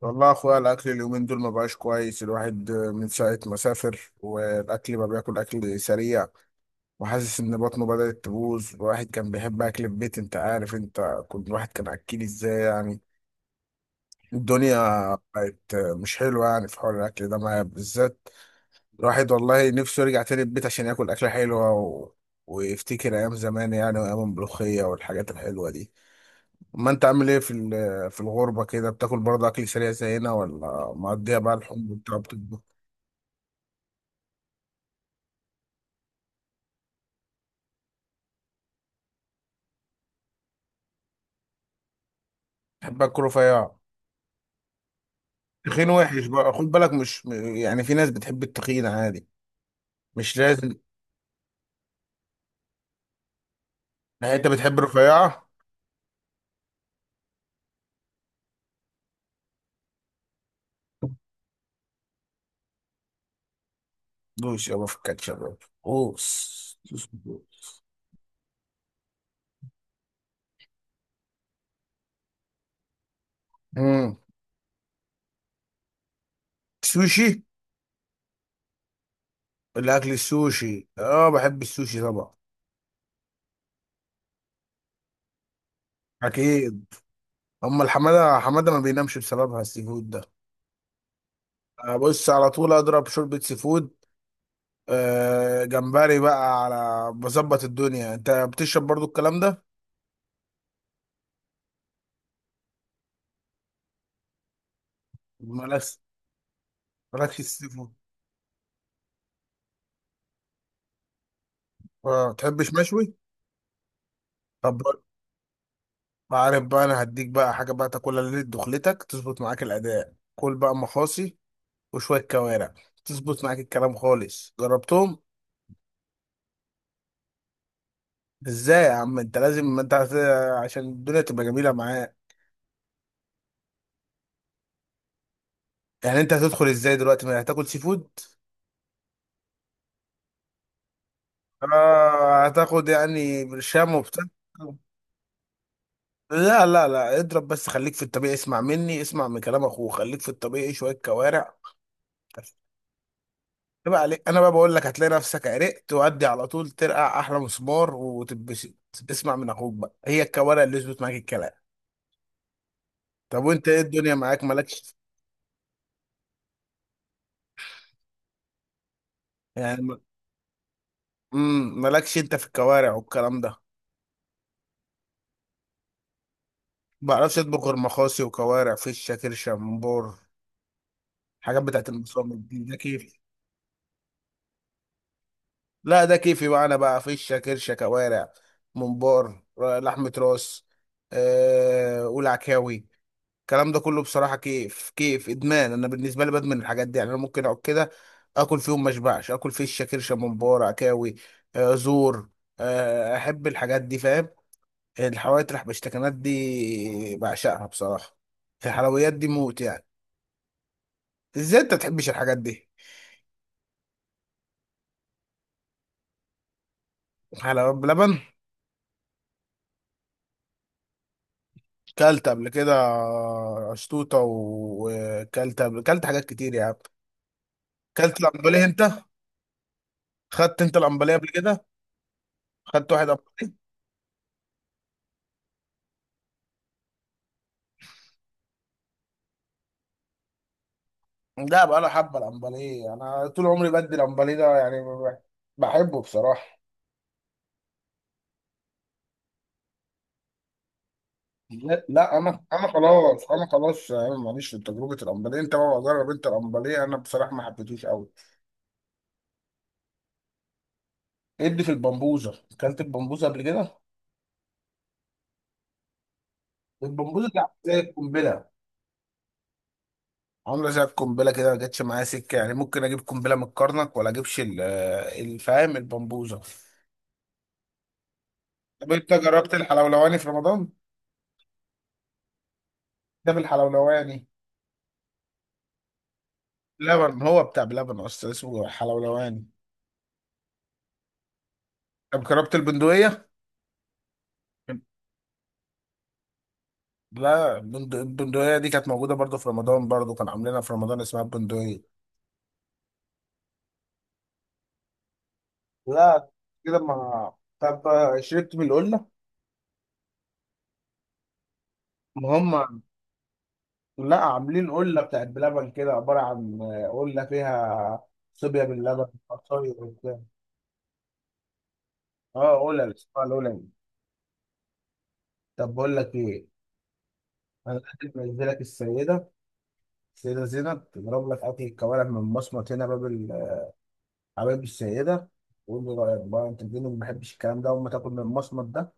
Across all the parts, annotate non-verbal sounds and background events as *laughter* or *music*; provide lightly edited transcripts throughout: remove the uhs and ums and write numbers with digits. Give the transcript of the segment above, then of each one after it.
والله يا اخويا الاكل اليومين دول ما بقاش كويس. الواحد من ساعه ما سافر والاكل بقى بياكل اكل سريع وحاسس ان بطنه بدات تبوظ. الواحد كان بيحب اكل البيت، انت عارف انت كنت، الواحد كان اكيل ازاي يعني. الدنيا بقت مش حلوه يعني في حوار الاكل ده معايا بالذات. الواحد والله نفسه يرجع تاني البيت عشان ياكل اكله حلوه ويفتكر ايام زمان يعني، وايام الملوخيه والحاجات الحلوه دي. ما انت عامل ايه في في الغربة كده؟ بتاكل برضه اكل سريع زينا ولا مقضيها بقى الحمض بتاع بتطبخ؟ بحب اكل رفيع. تخين وحش بقى، خد بالك، مش م- يعني في ناس بتحب التخين عادي، مش لازم. يعني انت بتحب الرفيعة. دوس يابا في الكاتشب يابا. دوس دوس دوس. مم. سوشي. الاكل السوشي، اه بحب السوشي طبعا. اكيد. اما الحماده حماده ما بينامش بسببها السي فود ده. أه، بص على طول اضرب شوربه سي فود. جمبري بقى على بظبط الدنيا. انت بتشرب برضو الكلام ده؟ مالكش. مالكش السي فود. اه تحبش مشوي؟ طب، ما عارف بقى، انا هديك بقى حاجه بقى تاكلها ليله دخلتك تظبط معاك الاداء. كل بقى مخاصي وشويه كوارع تظبط معاك الكلام خالص، جربتهم. ازاي يا عم؟ انت لازم، ما انت عشان الدنيا تبقى جميله معاك. يعني انت هتدخل ازاي دلوقتي ما هتاكل سي فود؟ آه هتاخد يعني برشام وبتاع. لا لا لا، اضرب بس، خليك في الطبيعي، اسمع مني، اسمع من كلام اخوه، خليك في الطبيعي، شويه كوارع. يبقى عليك انا بقى، بقول لك هتلاقي نفسك عرقت وادي على طول، ترقع احلى مسمار وتتبسط. اسمع من اخوك بقى، هي الكوارع اللي يظبط معاك الكلام. طب وانت ايه، الدنيا معاك مالكش؟ يعني م- مالكش انت في الكوارع والكلام ده؟ ما بعرفش اطبخ غير مخاصي وكوارع فشه كرشه ممبار، حاجات بتاعت المصامت دي، ده كيف. لا ده كيفي بقى، انا بقى فيشه كرشه كوارع ممبار لحمه راس. أه والعكاوي. الكلام ده كله بصراحه كيف كيف، ادمان. انا بالنسبه لي بدمن الحاجات دي يعني، انا ممكن اقعد كده اكل فيهم ما اشبعش، اكل فيشه كرشه ممبار عكاوي. أه زور. أه احب الحاجات دي، فاهم؟ الحوادق البشتكنات دي بعشقها بصراحه. الحلويات دي موت يعني. ازاي انت تحبش الحاجات دي؟ حلويات بلبن. كلت قبل كده شطوطه، وكلت قبل، كلت حاجات كتير يعني. كلت الامبليه انت؟ خدت انت الامبليه قبل كده؟ خدت واحد امبليه؟ لا بقى له حبه الامبليه، انا طول عمري بدي الامبليه ده يعني، بحبه بصراحه. لا لا، انا انا خلاص، انا خلاص يعني، ماليش في تجربه الامبليه. انت بقى جرب انت الامبليه، انا بصراحه ما حبيتوش قوي. ادي في البمبوزه، اكلت البمبوزه قبل كده. البمبوزه دي عامله زي القنبله. عامله زي القنبله كده، ما جاتش معايا سكه يعني. ممكن اجيب قنبله من الكرنك ولا الفاهم البمبوزه. طب انت جربت الحلولواني في رمضان؟ ده بالحلولواني. لبن، هو بتاع بلبن اصلا، اسمه حلولواني. طب جربت البندقيه؟ لا، البندقيه دي كانت موجوده برضو في رمضان، برضو كان عاملينها في رمضان، اسمها البندقيه. لا كده ما، طب شربت من القله؟ ما هم، لا عاملين قله بتاعت بلبن كده، عباره عن قله فيها صوبيا باللبن عصاير وبتاع. اه اولى الاسبوع الاولاني. طب بقول لك ايه، انا لازم انزلك السيده. السيده زينب تضرب لك اكل الكوارع من مصمت هنا باب حبايب السيده. وقول لي رايك بقى، انت الدنيا ما بحبش الكلام ده اول ما تاكل من المصمت ده.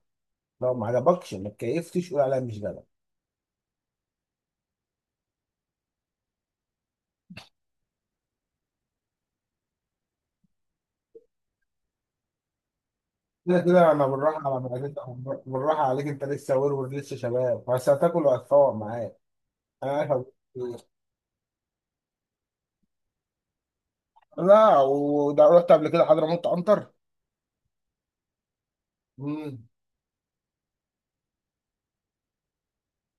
لو ما عجبكش ما اتكيفتش، قول عليا مش جدع. كده كده انا بالراحه على معدتك. بالراحه عليك، انت لسه ورور، لسه شباب، بس هتاكل وهتفوق معايا. انا عارف هتقول إيه. لا وده، رحت قبل كده حضرموت عنتر؟ امم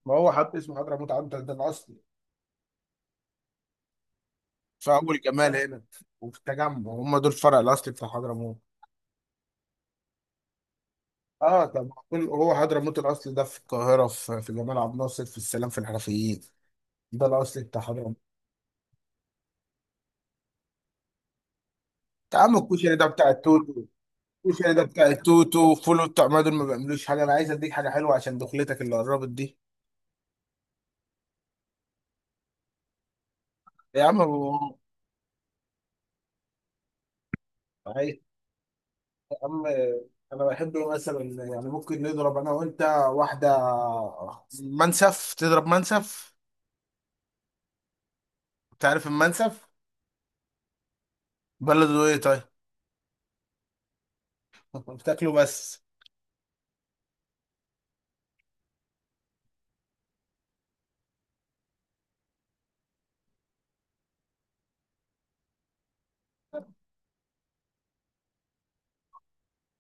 ما هو حد اسمه حضرموت عنتر ده. انا اصلي في اول جمال هنا، وفي التجمع، هم دول الفرع الاصلي بتاع حضرموت. اه طب، كل هو حضرموت الاصلي ده في القاهره، في, في جمال عبد الناصر، في السلام، في الحرفيين. ده الاصلي بتاع حضرموت. يا عم الكشري ده بتاع التوتو. الكشري ده بتاع التوتو، فول بتاع، ما دول ما بيعملوش حاجه. انا عايز اديك حاجه حلوه عشان دخلتك اللي قربت دي. يا عم أبو- عايز. يا عم، انا بحب مثلا يعني، ممكن نضرب انا وانت واحده منسف. تضرب منسف؟ تعرف المنسف؟ بلده ايه طيب؟ بتاكله بس؟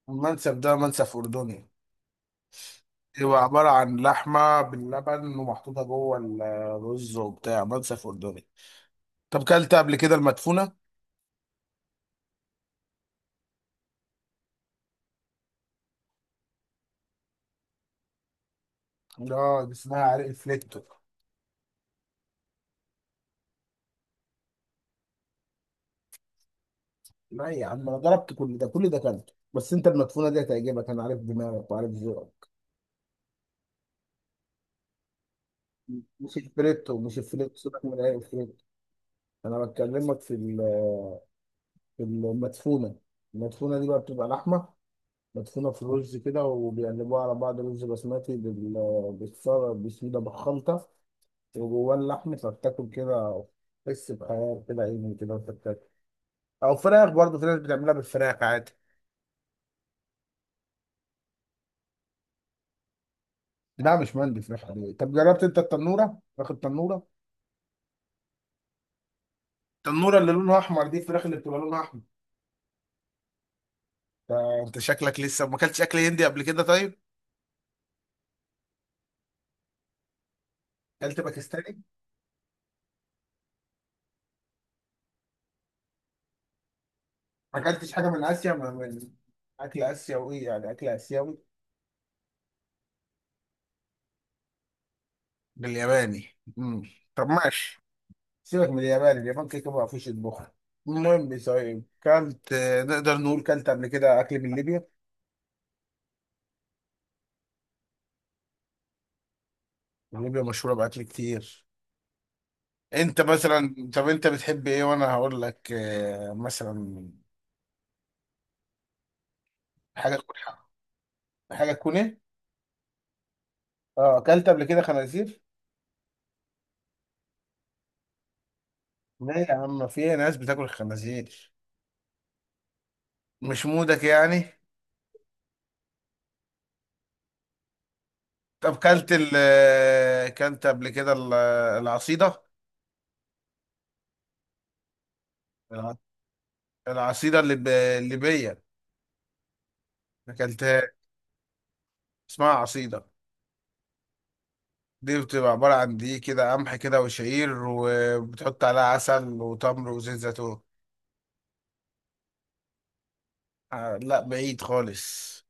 المنسف ده منسف أردني. بيبقى عبارة عن لحمة باللبن ومحطوطة جوه الرز وبتاع، منسف أردني. طب كلت قبل كده المدفونة؟ لا دي اسمها عرق فليكتو. لا يا عم، أنا جربت كل ده، كل ده كلته، بس أنت المدفونة دي هتعجبك. أنا عارف دماغك وعارف ذوقك. مش الفليتو، مش الفليتو، سيبك من عرق الفليتو. أنا بكلمك في في المدفونة. المدفونة دي بقى بتبقى لحمة مدفونة في رز كده، وبيقلبوها على بعض، رز بسمتي بالصلصة، بسم الله، بالخلطة، وجواه اللحم، فبتاكل كده. تحس بحياة كده، عيني كده وأنت بتاكل. أو فراخ برضه، في ناس بتعملها بالفراخ عادي. لا مش مندي، فراخ عادية. طب جربت أنت التنورة؟ فراخ التنورة؟ التنورة اللي لونها أحمر دي، الفراخ اللي بتبقى لونها أحمر. ده أنت شكلك لسه ما أكلتش أكل هندي قبل كده طيب؟ أكلت باكستاني؟ ما أكلتش حاجة من آسيا، من أكل آسيوي يعني، أكل آسيوي. بالياباني. مم. طب ماشي. سيبك من اليابان، اليابان كده كده ما فيش يطبخوا. المهم، طيب كلت نقدر نقول، كلت قبل كده اكل من ليبيا؟ ليبيا مشهوره باكل كتير. انت مثلا، طب انت بتحب ايه وانا هقول لك مثلا. حاجه تكون، حاجه تكون ايه؟ اه اكلت قبل كده خنازير؟ لا يا عم، في ناس بتاكل خنازير. مش مودك يعني؟ طب كلت ال آه، كلت قبل كده العصيده. الع- العصيده الليبيه، اكلتها؟ اسمها عصيده. دي بتبقى عبارة عن دقيق كده، قمح كده، وشعير، وبتحط عليها عسل وتمر وزيت زيتون. آه لا، بعيد خالص.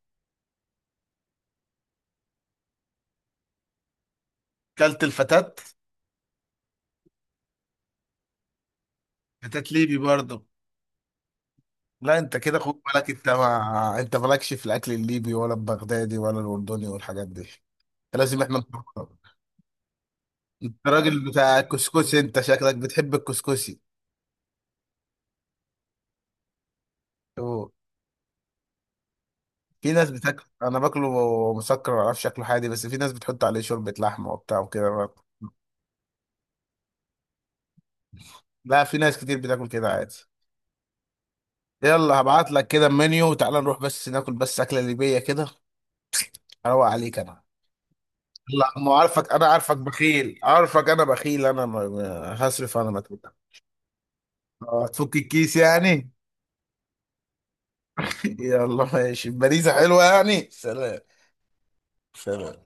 كلت الفتات؟ فتات ليبي برضه. لا انت كده خد بالك، انت ما انت مالكش في الاكل الليبي ولا البغدادي ولا الاردني والحاجات دي. انت لازم احنا نفكر. انت راجل بتاع الكسكسي، انت شكلك بتحب الكسكسي. أوه. في ناس بتاكل، انا باكله مسكر، ما اعرفش شكله حادي، بس في ناس بتحط عليه شوربة لحمة وبتاع وكده. لا، في ناس كتير بتاكل كده عادي. يلا هبعت لك كده المنيو، تعال نروح بس ناكل بس أكلة ليبية كده. اروق عليك انا. لا ما عارفك، انا عارفك بخيل، عارفك انا بخيل، انا هصرف انا، ما تقلق. آه، هتفك الكيس يعني. *laughs* يلا ماشي، باريزة حلوة يعني، سلام. سلام.